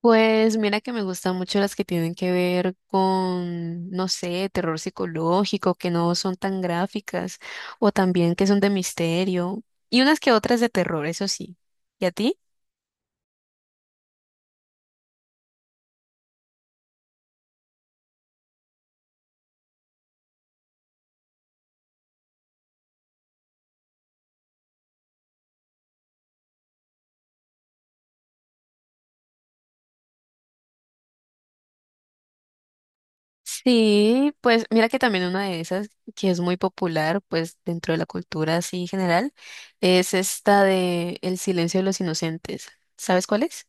Pues mira que me gustan mucho las que tienen que ver con, no sé, terror psicológico, que no son tan gráficas, o también que son de misterio, y unas que otras de terror, eso sí. ¿Y a ti? Sí, pues mira que también una de esas que es muy popular, pues dentro de la cultura así general, es esta de El silencio de los inocentes. ¿Sabes cuál es?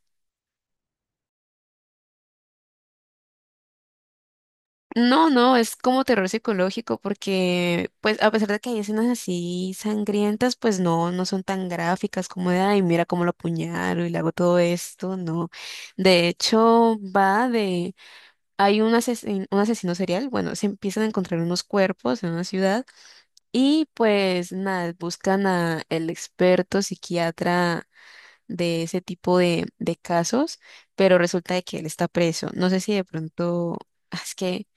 No, no, es como terror psicológico porque, pues, a pesar de que hay escenas así sangrientas, pues no, no son tan gráficas como de, ay, mira cómo lo apuñalo y le hago todo esto, no. De hecho, va de, hay un un asesino serial, bueno, se empiezan a encontrar unos cuerpos en una ciudad y pues nada, buscan a el experto psiquiatra de ese tipo de casos, pero resulta de que él está preso. No sé si de pronto, ah, es que...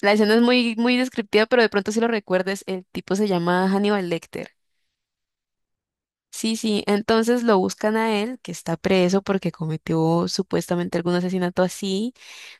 La escena es muy, muy descriptiva, pero de pronto si lo recuerdes, el tipo se llama Hannibal Lecter. Sí, sí, entonces lo buscan a él, que está preso porque cometió supuestamente algún asesinato así,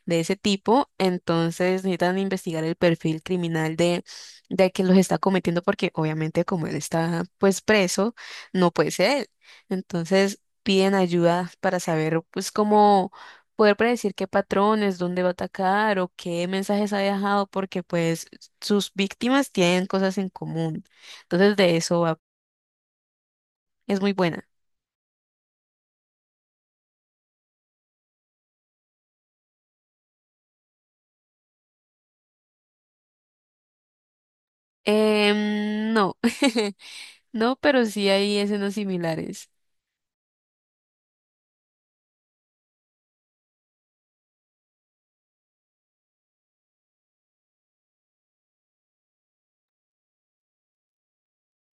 de ese tipo, entonces necesitan investigar el perfil criminal de quien los está cometiendo porque obviamente como él está pues preso, no puede ser él. Entonces piden ayuda para saber pues cómo poder predecir qué patrones, dónde va a atacar o qué mensajes ha dejado porque pues sus víctimas tienen cosas en común. Entonces de eso va. Es muy buena. No, no, pero sí hay escenas similares.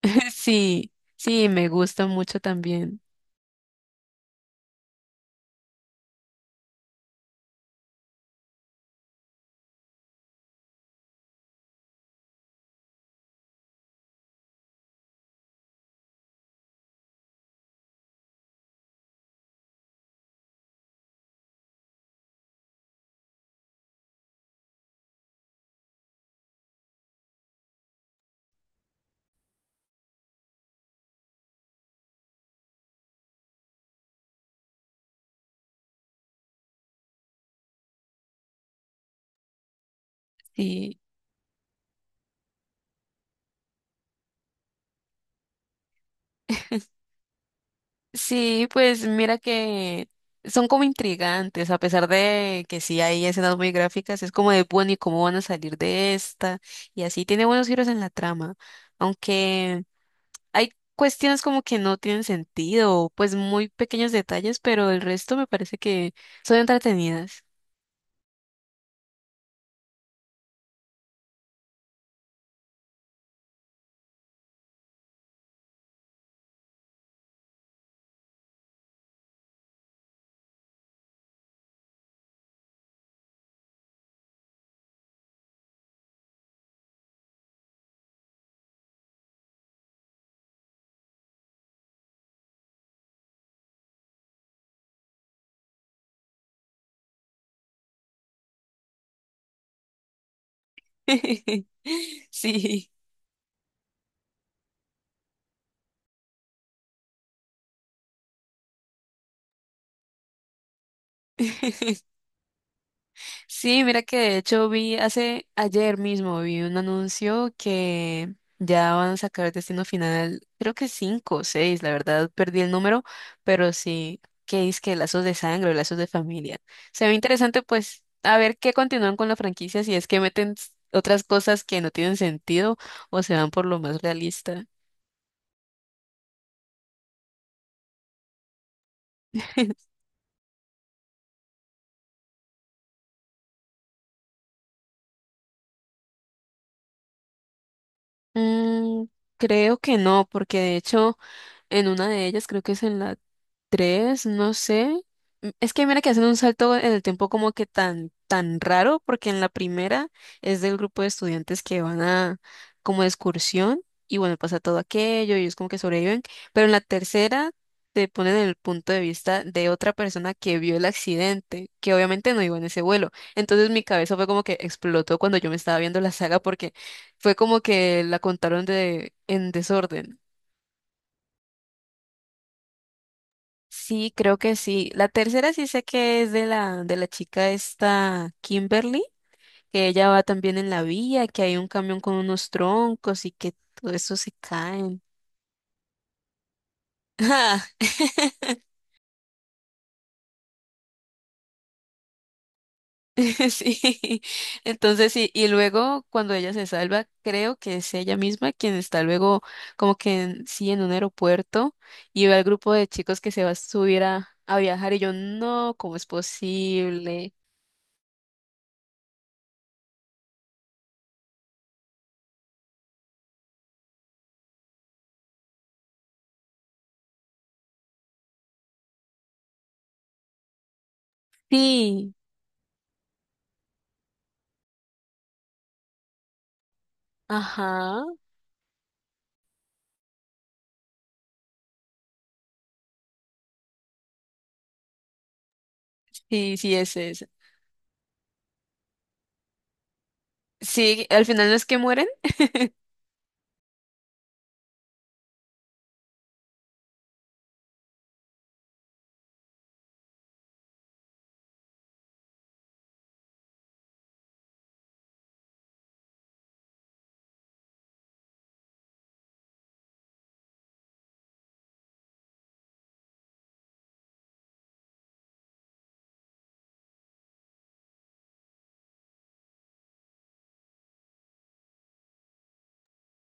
Sí, sí, me gusta mucho también. Sí, sí, pues mira que son como intrigantes, a pesar de que sí hay escenas muy gráficas, es como de, bueno, ¿y cómo van a salir de esta? Y así tiene buenos giros en la trama, aunque hay cuestiones como que no tienen sentido, pues muy pequeños detalles, pero el resto me parece que son entretenidas. Sí. Sí, mira que de hecho vi hace ayer mismo vi un anuncio que ya van a sacar Destino Final, creo que cinco o seis, la verdad perdí el número, pero sí, que es que lazos de sangre lazos de familia. Se ve interesante pues a ver qué continúan con la franquicia, si es que meten otras cosas que no tienen sentido o se van por lo más realista. Mm, creo que no, porque de hecho en una de ellas, creo que es en la 3 no sé. Es que mira que hacen un salto en el tiempo como que tan, tan raro, porque en la primera es del grupo de estudiantes que van a como de excursión y bueno, pasa todo aquello y ellos como que sobreviven, pero en la tercera te ponen en el punto de vista de otra persona que vio el accidente, que obviamente no iba en ese vuelo. Entonces mi cabeza fue como que explotó cuando yo me estaba viendo la saga porque fue como que la contaron de en desorden. Sí, creo que sí. La tercera sí sé que es de la chica esta Kimberly, que ella va también en la vía, que hay un camión con unos troncos y que todo eso se caen. Ah, sí. Entonces sí, y luego cuando ella se salva, creo que es ella misma quien está luego como que sí en un aeropuerto y ve al grupo de chicos que se va a subir a viajar y yo, no, ¿cómo es posible? Sí, ajá. Sí, sí, es esa. Sí, al final no es que mueren.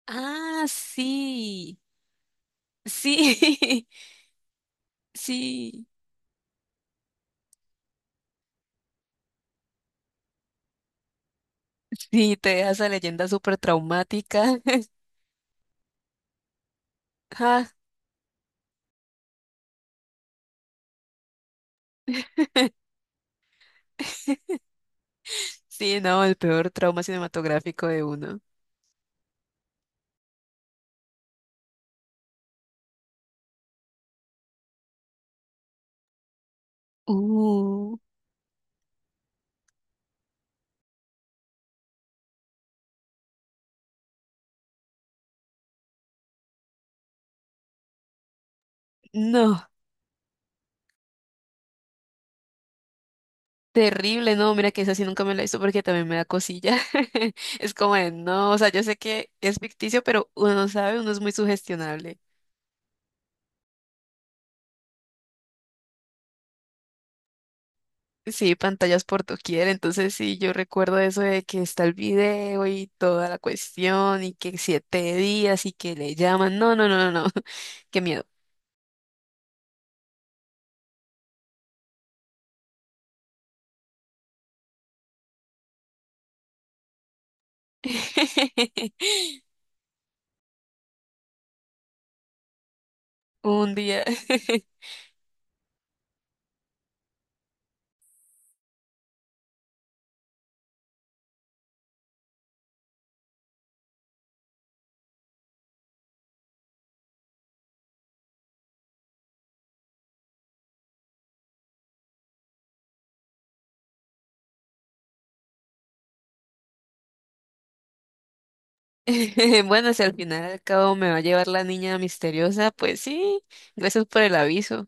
Ah, sí. Sí. Sí. Sí, te deja esa leyenda súper traumática. Ah, sí, no, el peor trauma cinematográfico de uno. Uh, no. Terrible, no, mira que esa sí nunca me la hizo porque también me da cosilla. Es como de, no, o sea, yo sé que es ficticio, pero uno no sabe, uno es muy sugestionable. Sí, pantallas por doquier, entonces sí, yo recuerdo eso de que está el video y toda la cuestión y que 7 días y que le llaman. No, no, no, no, no, qué miedo. Un día. Bueno, si al final al cabo me va a llevar la niña misteriosa, pues sí, gracias por el aviso.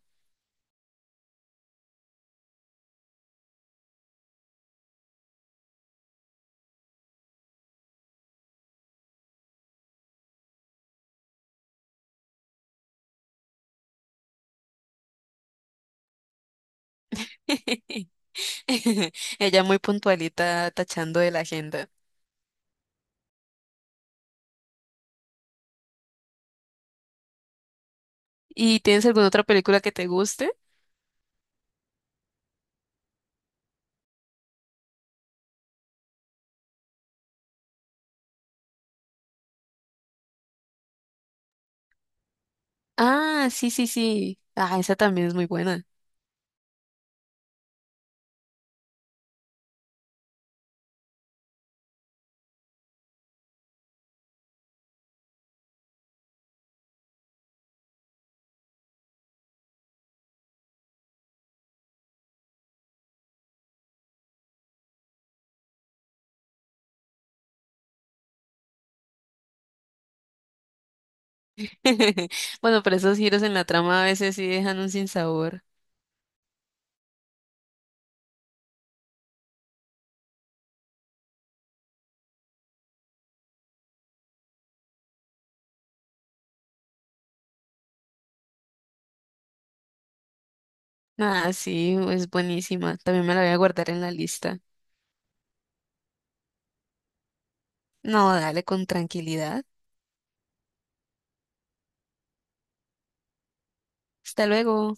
Ella muy puntualita tachando de la agenda. ¿Y tienes alguna otra película que te guste? Ah, sí, sí, sí. Ah, esa también es muy buena. Bueno, pero esos giros en la trama a veces sí dejan un sinsabor. Ah, sí, es buenísima. También me la voy a guardar en la lista. No, dale con tranquilidad. Hasta luego.